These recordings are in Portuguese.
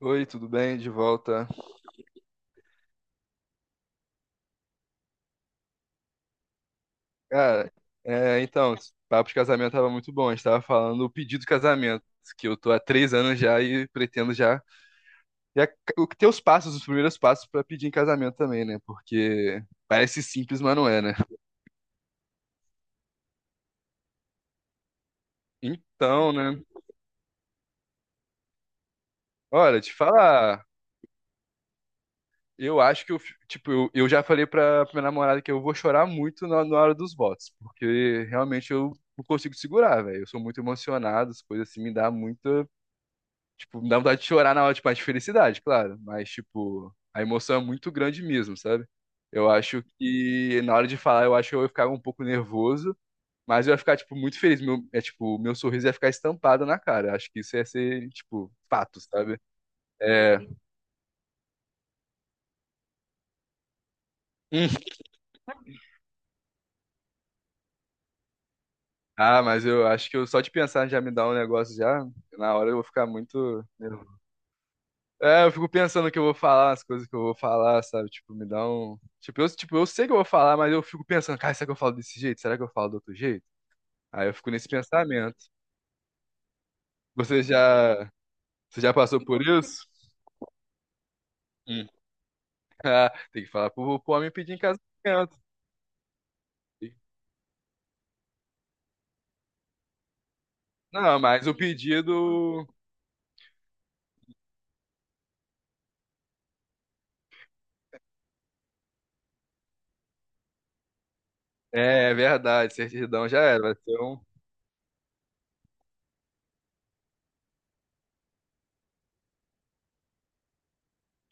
Oi, tudo bem? De volta. Cara, então, esse papo de casamento tava muito bom. A gente tava falando do pedido de casamento, que eu tô há três anos já e pretendo já, já ter os primeiros passos pra pedir em casamento também, né? Porque parece simples, mas não é, né? Então, né? Olha, te falar, eu acho que eu, fi- tipo, eu já falei pra minha namorada que eu vou chorar muito na hora dos votos, porque realmente eu não consigo segurar, velho. Eu sou muito emocionado, as coisas assim me dá muito. Tipo, me dá vontade de chorar na hora, tipo, a de felicidade, claro. Mas, tipo, a emoção é muito grande mesmo, sabe? Eu acho que na hora de falar, eu acho que eu ia ficar um pouco nervoso, mas eu ia ficar, tipo, muito feliz. Meu, é, tipo, meu sorriso ia ficar estampado na cara. Acho que isso ia ser, tipo, fato, sabe? É. Hum. Ah, mas eu acho que eu, só de pensar já me dá um negócio já. Na hora eu vou ficar muito nervoso. É, eu fico pensando o que eu vou falar, as coisas que eu vou falar, sabe? Tipo, me dá um. Tipo, eu sei que eu vou falar, mas eu fico pensando, cara, será que eu falo desse jeito? Será que eu falo do outro jeito? Aí eu fico nesse pensamento. Você já. Você já passou por isso? Hum. Ah, tem que falar pro homem pedir em casamento. Não, mas o pedido. É, é verdade, certidão já era. Vai ser um.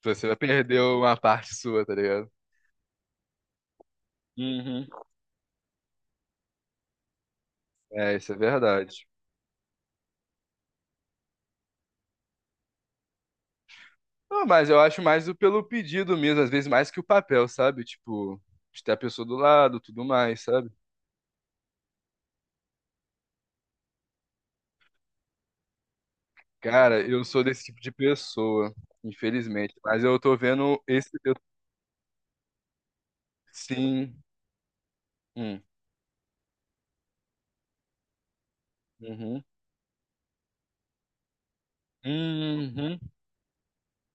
Você vai perder uma parte sua, tá ligado? Uhum. É, isso é verdade. Não, mas eu acho mais o pelo pedido mesmo, às vezes mais que o papel, sabe? Tipo, de ter a pessoa do lado, tudo mais, sabe? Cara, eu sou desse tipo de pessoa, infelizmente. Mas eu tô vendo esse. Sim. Hum. Uhum. Uhum.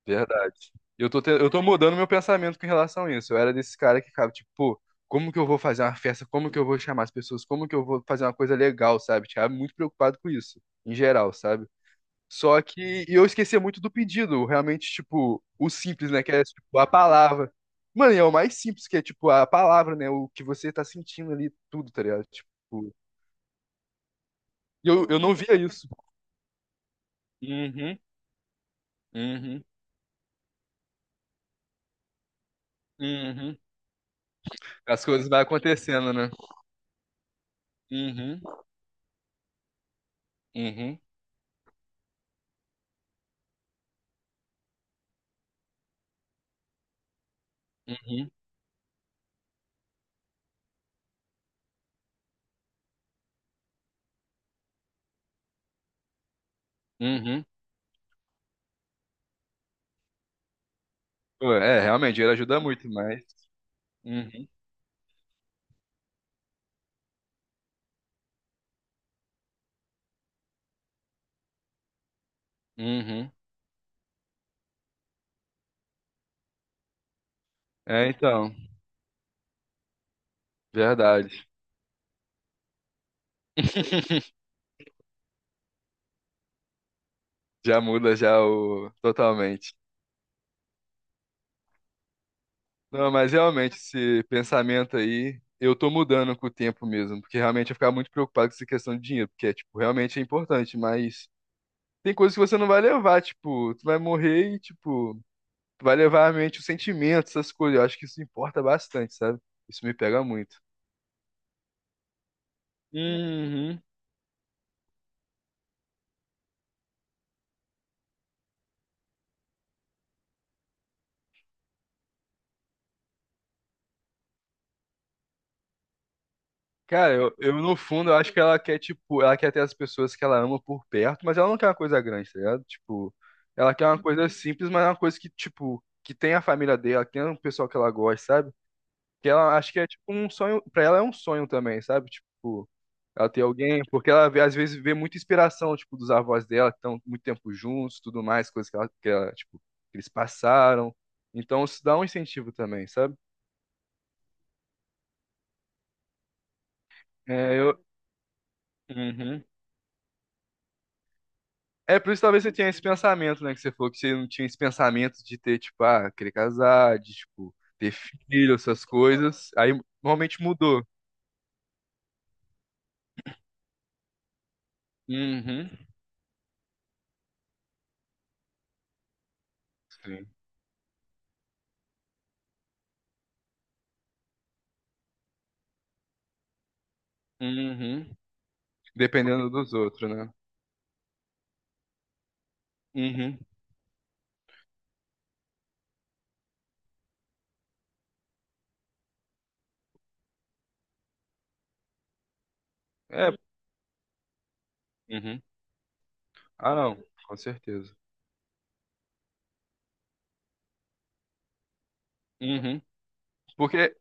Verdade. Eu tô mudando meu pensamento com relação a isso. Eu era desse cara que ficava, tipo, pô, como que eu vou fazer uma festa? Como que eu vou chamar as pessoas? Como que eu vou fazer uma coisa legal, sabe? Ficava muito preocupado com isso, em geral, sabe? Só que e eu esquecia muito do pedido, realmente, tipo, o simples, né? Que é tipo, a palavra. Mano, e é o mais simples, que é tipo a palavra, né? O que você tá sentindo ali, tudo, tá ligado? Tipo, e eu não via isso. Uhum, uhum, uhum. As coisas vai acontecendo, né? Uhum, uhum, uhum, uhum. Pô, é, realmente, dinheiro ajuda muito, mas. Uhum, uhum. É, então, verdade. Já muda já o totalmente. Não, mas realmente esse pensamento aí, eu tô mudando com o tempo mesmo, porque realmente eu ficava muito preocupado com essa questão de dinheiro, porque é, tipo, realmente é importante, mas tem coisas que você não vai levar, tipo, tu vai morrer e, tipo, tu vai levar à mente os sentimentos, essas coisas, eu acho que isso importa bastante, sabe? Isso me pega muito. Uhum. Cara, eu no fundo, eu acho que ela quer, tipo, ela quer ter as pessoas que ela ama por perto, mas ela não quer uma coisa grande, tá ligado? Tipo, ela quer uma coisa simples, mas é uma coisa que, tipo, que tem a família dela, que tem o pessoal que ela gosta, sabe? Que ela acho que é tipo um sonho, pra ela é um sonho também, sabe? Tipo, ela ter alguém, porque ela às vezes vê muita inspiração, tipo, dos avós dela, que estão muito tempo juntos, tudo mais, coisas que eles passaram. Então isso dá um incentivo também, sabe? É, eu... Uhum. É, por isso talvez você tenha esse pensamento, né? Que você falou que você não tinha esse pensamento de ter, tipo, ah, querer casar, de, tipo, ter filho, essas coisas. Aí normalmente mudou. Uhum. Sim. Uhum. Dependendo dos outros, né? Uhum. É, uhum. Ah, não, com certeza. Uhum. Porque,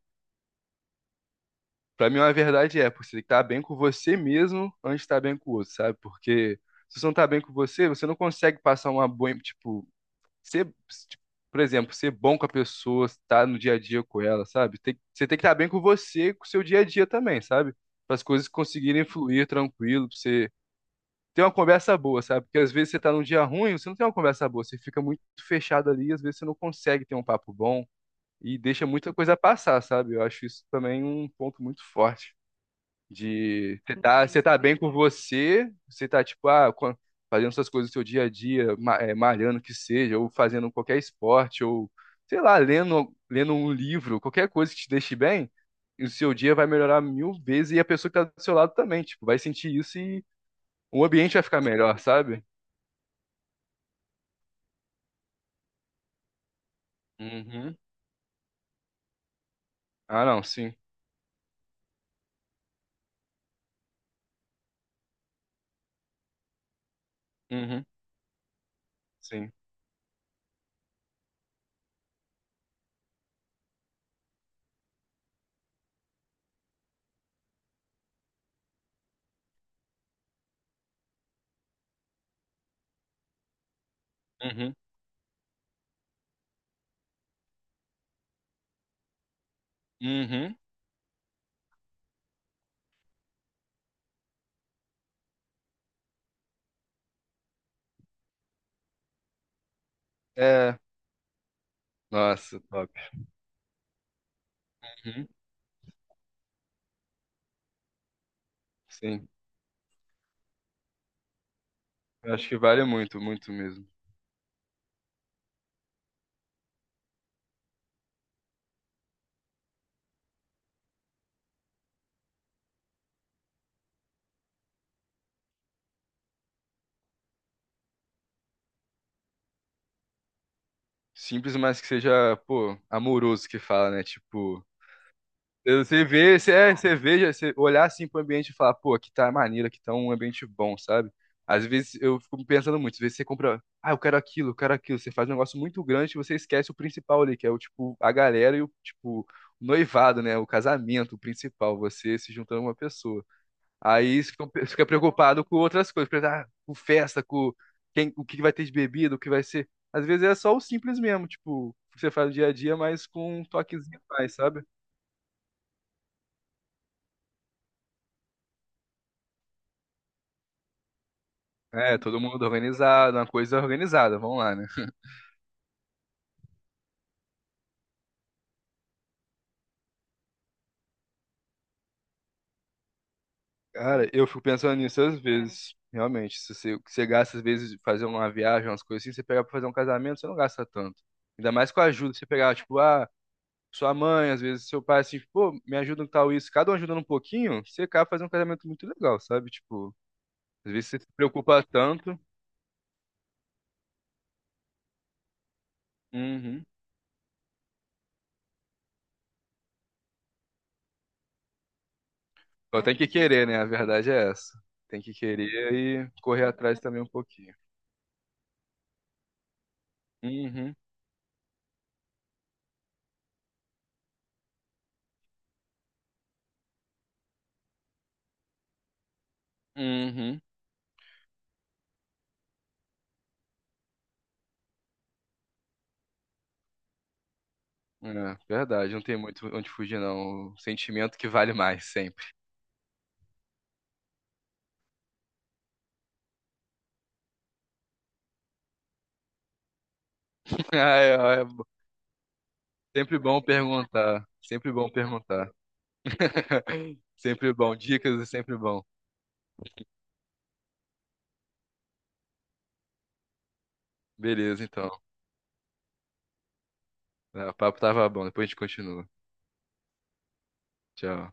pra mim, a verdade é, porque você tem que estar bem com você mesmo antes de estar bem com o outro, sabe? Porque se você não tá bem com você, você não consegue passar uma boa, tipo, ser, tipo, por exemplo, ser bom com a pessoa, estar no dia a dia com ela, sabe? Você tem que estar bem com você, com o seu dia a dia também, sabe? Para as coisas conseguirem fluir tranquilo, pra você ter uma conversa boa, sabe? Porque às vezes você tá num dia ruim, você não tem uma conversa boa, você fica muito fechado ali, às vezes você não consegue ter um papo bom e deixa muita coisa passar, sabe? Eu acho isso também um ponto muito forte. De você tá bem com você, você tá tipo, ah, fazendo essas coisas no seu dia a dia, malhando que seja, ou fazendo qualquer esporte, ou sei lá, lendo, lendo um livro, qualquer coisa que te deixe bem, e o seu dia vai melhorar mil vezes e a pessoa que tá do seu lado também, tipo, vai sentir isso e o ambiente vai ficar melhor, sabe? Uhum. Ah, não, sim. Uhum. Sim. Uhum. Uhum. É. Nossa, top. Sim, eu acho que vale muito, muito mesmo. Simples, mas que seja, pô, amoroso que fala, né? Tipo, você vê, você, é, você você olhar assim pro ambiente e falar, pô, aqui tá maneiro, aqui tá um ambiente bom, sabe? Às vezes eu fico pensando muito, às vezes você compra, ah, eu quero aquilo, você faz um negócio muito grande e você esquece o principal ali, que é o tipo, a galera e o tipo, o noivado, né? O casamento, o principal, você se juntando a uma pessoa. Aí você fica preocupado com outras coisas, preocupado, ah, com festa, com quem, o que vai ter de bebida, o que vai ser. Às vezes é só o simples mesmo, tipo, que você faz no dia a dia, mas com um toquezinho a mais, sabe? É, todo mundo organizado, uma coisa organizada, vamos lá, né? Cara, eu fico pensando nisso às vezes, realmente. Se você, o que você gasta, às vezes, fazer uma viagem, umas coisas assim, você pegar pra fazer um casamento, você não gasta tanto. Ainda mais com a ajuda, você pegar, tipo, ah. sua mãe, às vezes seu pai, assim, tipo, pô, me ajuda em tal isso, cada um ajudando um pouquinho, você acaba fazendo um casamento muito legal, sabe? Tipo, às vezes você se preocupa tanto. Uhum. Só tem que querer, né? A verdade é essa. Tem que querer e correr atrás também um pouquinho. Uhum. Uhum. É, verdade, não tem muito onde fugir, não. O sentimento que vale mais, sempre. Ah, é, sempre bom perguntar. Sempre bom perguntar. Sempre bom. Dicas é sempre bom. Beleza, então. É, o papo tava bom, depois a gente continua. Tchau.